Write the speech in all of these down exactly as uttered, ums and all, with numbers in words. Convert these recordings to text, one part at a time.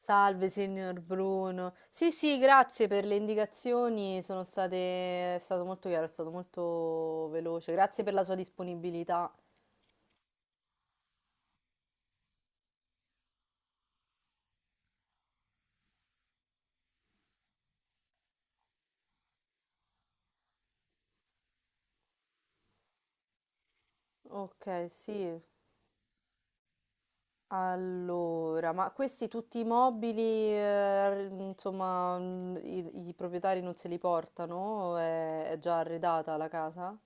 Salve, signor Bruno. Sì, sì, grazie per le indicazioni, sono state... è stato molto chiaro, è stato molto veloce. Grazie per la sua disponibilità. Ok, sì. Allora, ma questi tutti i mobili, eh, r- insomma, mm, i, i proprietari non se li portano? È, è già arredata la casa?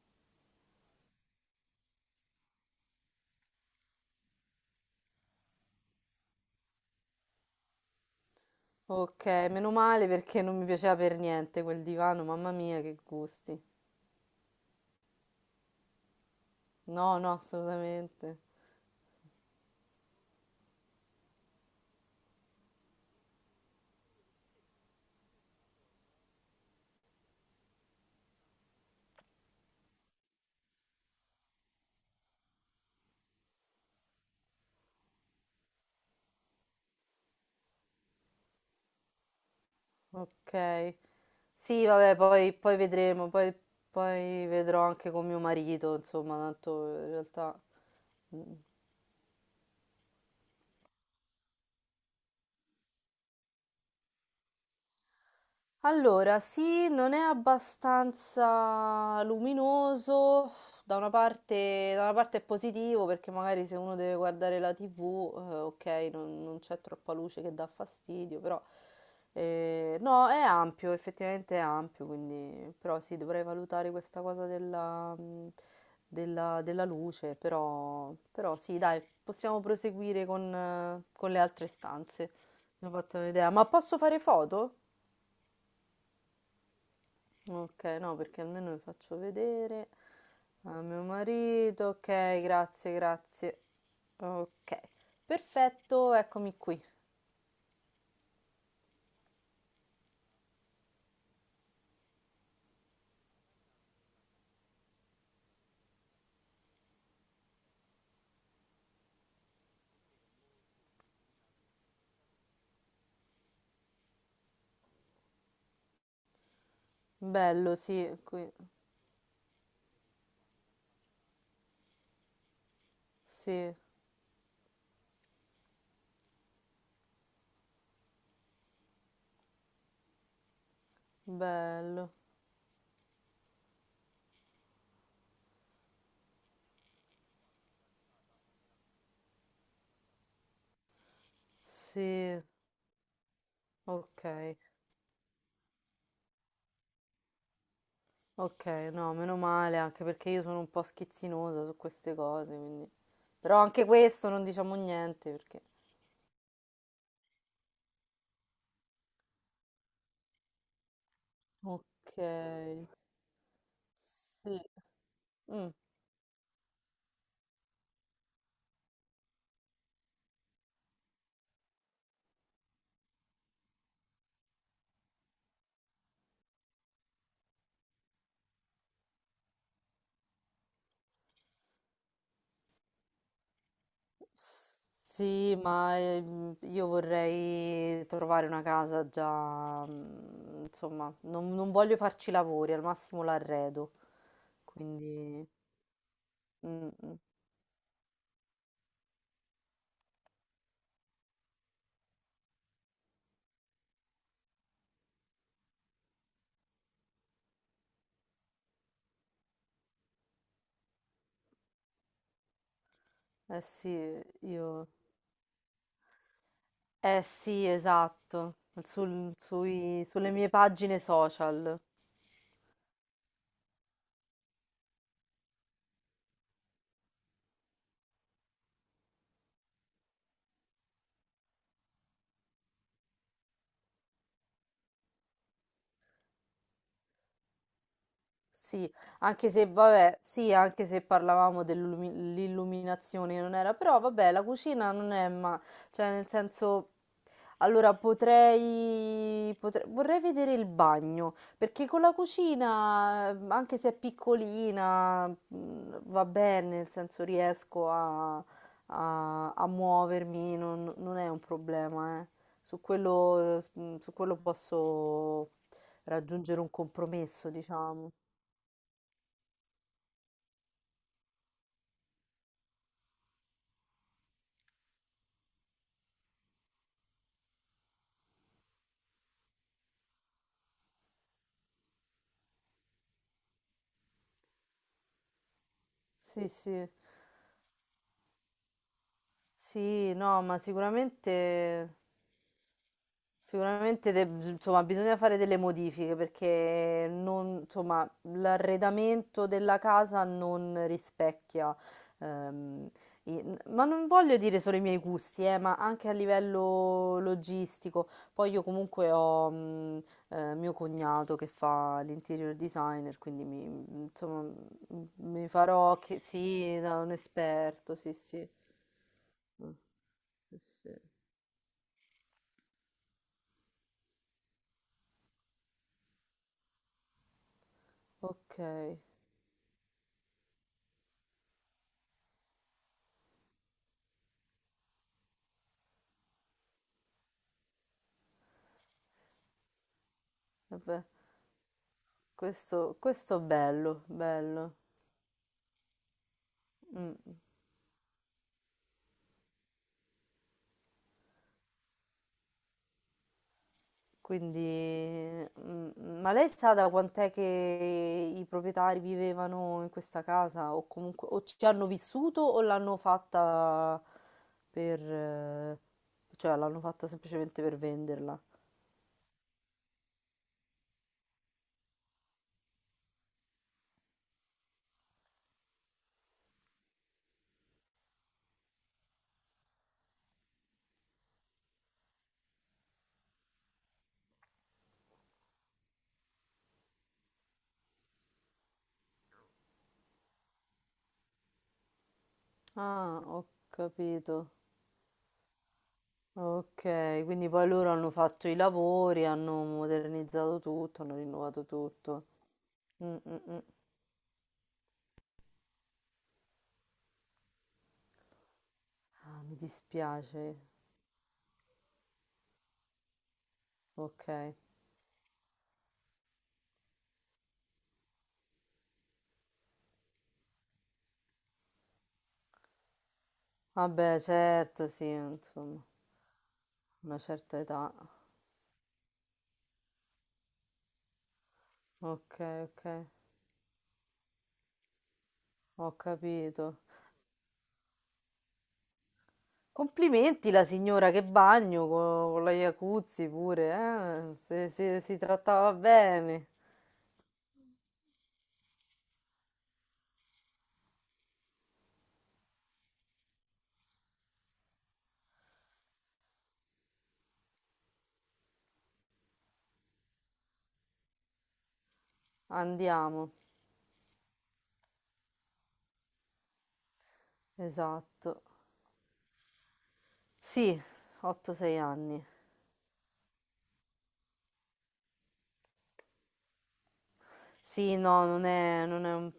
Ok, meno male perché non mi piaceva per niente quel divano, mamma mia, che gusti. No, no, assolutamente. Ok. Sì, vabbè, poi, poi vedremo, poi, poi vedrò anche con mio marito, insomma, tanto in realtà... Allora, sì, non è abbastanza luminoso, da una parte, da una parte è positivo perché magari se uno deve guardare la T V, eh, ok, non, non c'è troppa luce che dà fastidio, però eh, no, è ampio, effettivamente è ampio, quindi però sì, dovrei valutare questa cosa della, mm, della- della luce, però, però sì, dai, possiamo proseguire con, eh, con le altre stanze, mi ho fatto un'idea, ma posso fare foto? Okay, no, perché almeno le faccio vedere a mio marito. Okay, grazie, grazie. Okay, perfetto, eccomi qui. Bello, sì, qui, sì, bello, sì, okay, okay, no, meno male, anche perché io sono un po' schizzinosa su queste cose, quindi... Però anche questo non diciamo niente perché... Okay, sì. Mm. Sì, ma ehm, io vorrei trovare una casa già, mm, insomma, non, non voglio farci lavori, al massimo l'arredo, quindi... mm, mm. Eh sì, io... Eh sì, esatto, sul- sui- sulle mie pagine social. Sì, anche se vabbè, sì, anche se parlavamo dell'illuminazione non era, però vabbè, la cucina non è ma cioè nel senso allora potrei, potre- vorrei vedere il bagno, perché con la cucina, eh, anche se è piccolina, mh, va bene, nel senso riesco a, a- a muovermi, non, non è un problema, eh. Su quello, eh, s- mh, su quello posso raggiungere un compromesso, diciamo. Sì, sì, sì, no, ma sicuramente, sicuramente de- insomma, bisogna fare delle modifiche perché non- insomma, l'arredamento della casa non rispecchia. ehm, i- ma non voglio dire solo i miei gusti, eh, ma anche a livello logistico. Poi io comunque ho mh, eh, mio cognato che fa l'interior designer, quindi mi- insomma, Mh, mi farò chie sì, da un esperto, sì, sì. Mh. Sì, sì. Okay, vabbè, questo questo bello, bello. Mh. Quindi mhmm, ma lei sa da quant'è che i proprietari vivevano in questa casa o comunque o ci hanno vissuto o l'hanno fatta per eh, cioè l'hanno fatta semplicemente per venderla? Ah, ho capito. Ok, quindi poi loro hanno fatto i lavori, hanno modernizzato tutto, hanno rinnovato tutto. Mm, mm, mm. Ah, mi dispiace. Ok. Vabbè, certo, sì, insomma, una certa età. Ok, ok, ho capito. Complimenti la signora che bagno co- con, la Iacuzzi pure, eh? Se, se si trattava bene. Andiamo. Esatto. Sì, otto sei anni. Sì, no, non è, non è un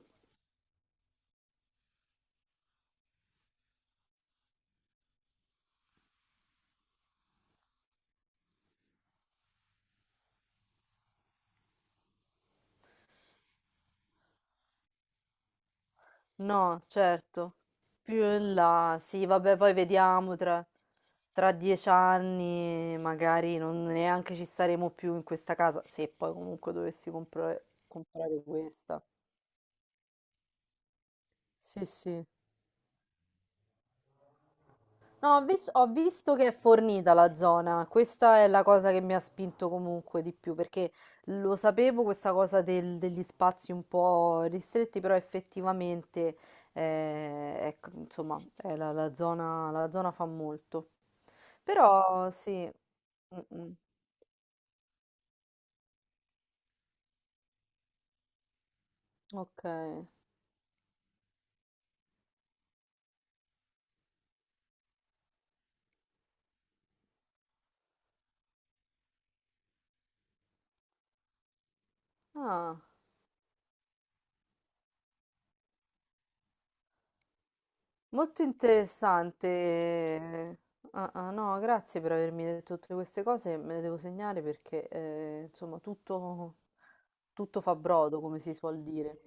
No, certo. Più in là, sì, vabbè, poi vediamo tra, tra dieci anni, magari non neanche ci staremo più in questa casa, se poi comunque dovessi comprare, comprare questa. Sì, sì. No, ho vis- ho visto che è fornita la zona, questa è la cosa che mi ha spinto comunque di più, perché lo sapevo questa cosa del- degli spazi un po' ristretti, però effettivamente, eh, ecco, insomma, è la la zona, la zona fa molto. Però sì, Mm, mm. Ok, ah, molto interessante. Ah, ah, no, grazie per avermi detto tutte queste cose, me le devo segnare perché eh, insomma tutto, tutto fa brodo, come si suol dire.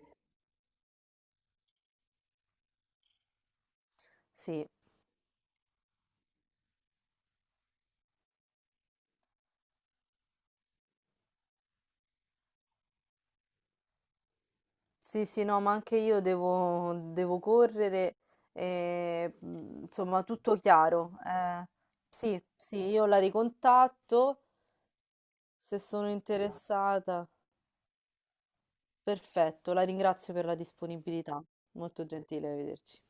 Sì, sì, sì, no, ma anche io devo, devo correre, eh, mm, insomma tutto chiaro. Eh. sì, sì, io la ricontatto se sono interessata. Perfetto, la ringrazio per la disponibilità. Molto gentile, arrivederci.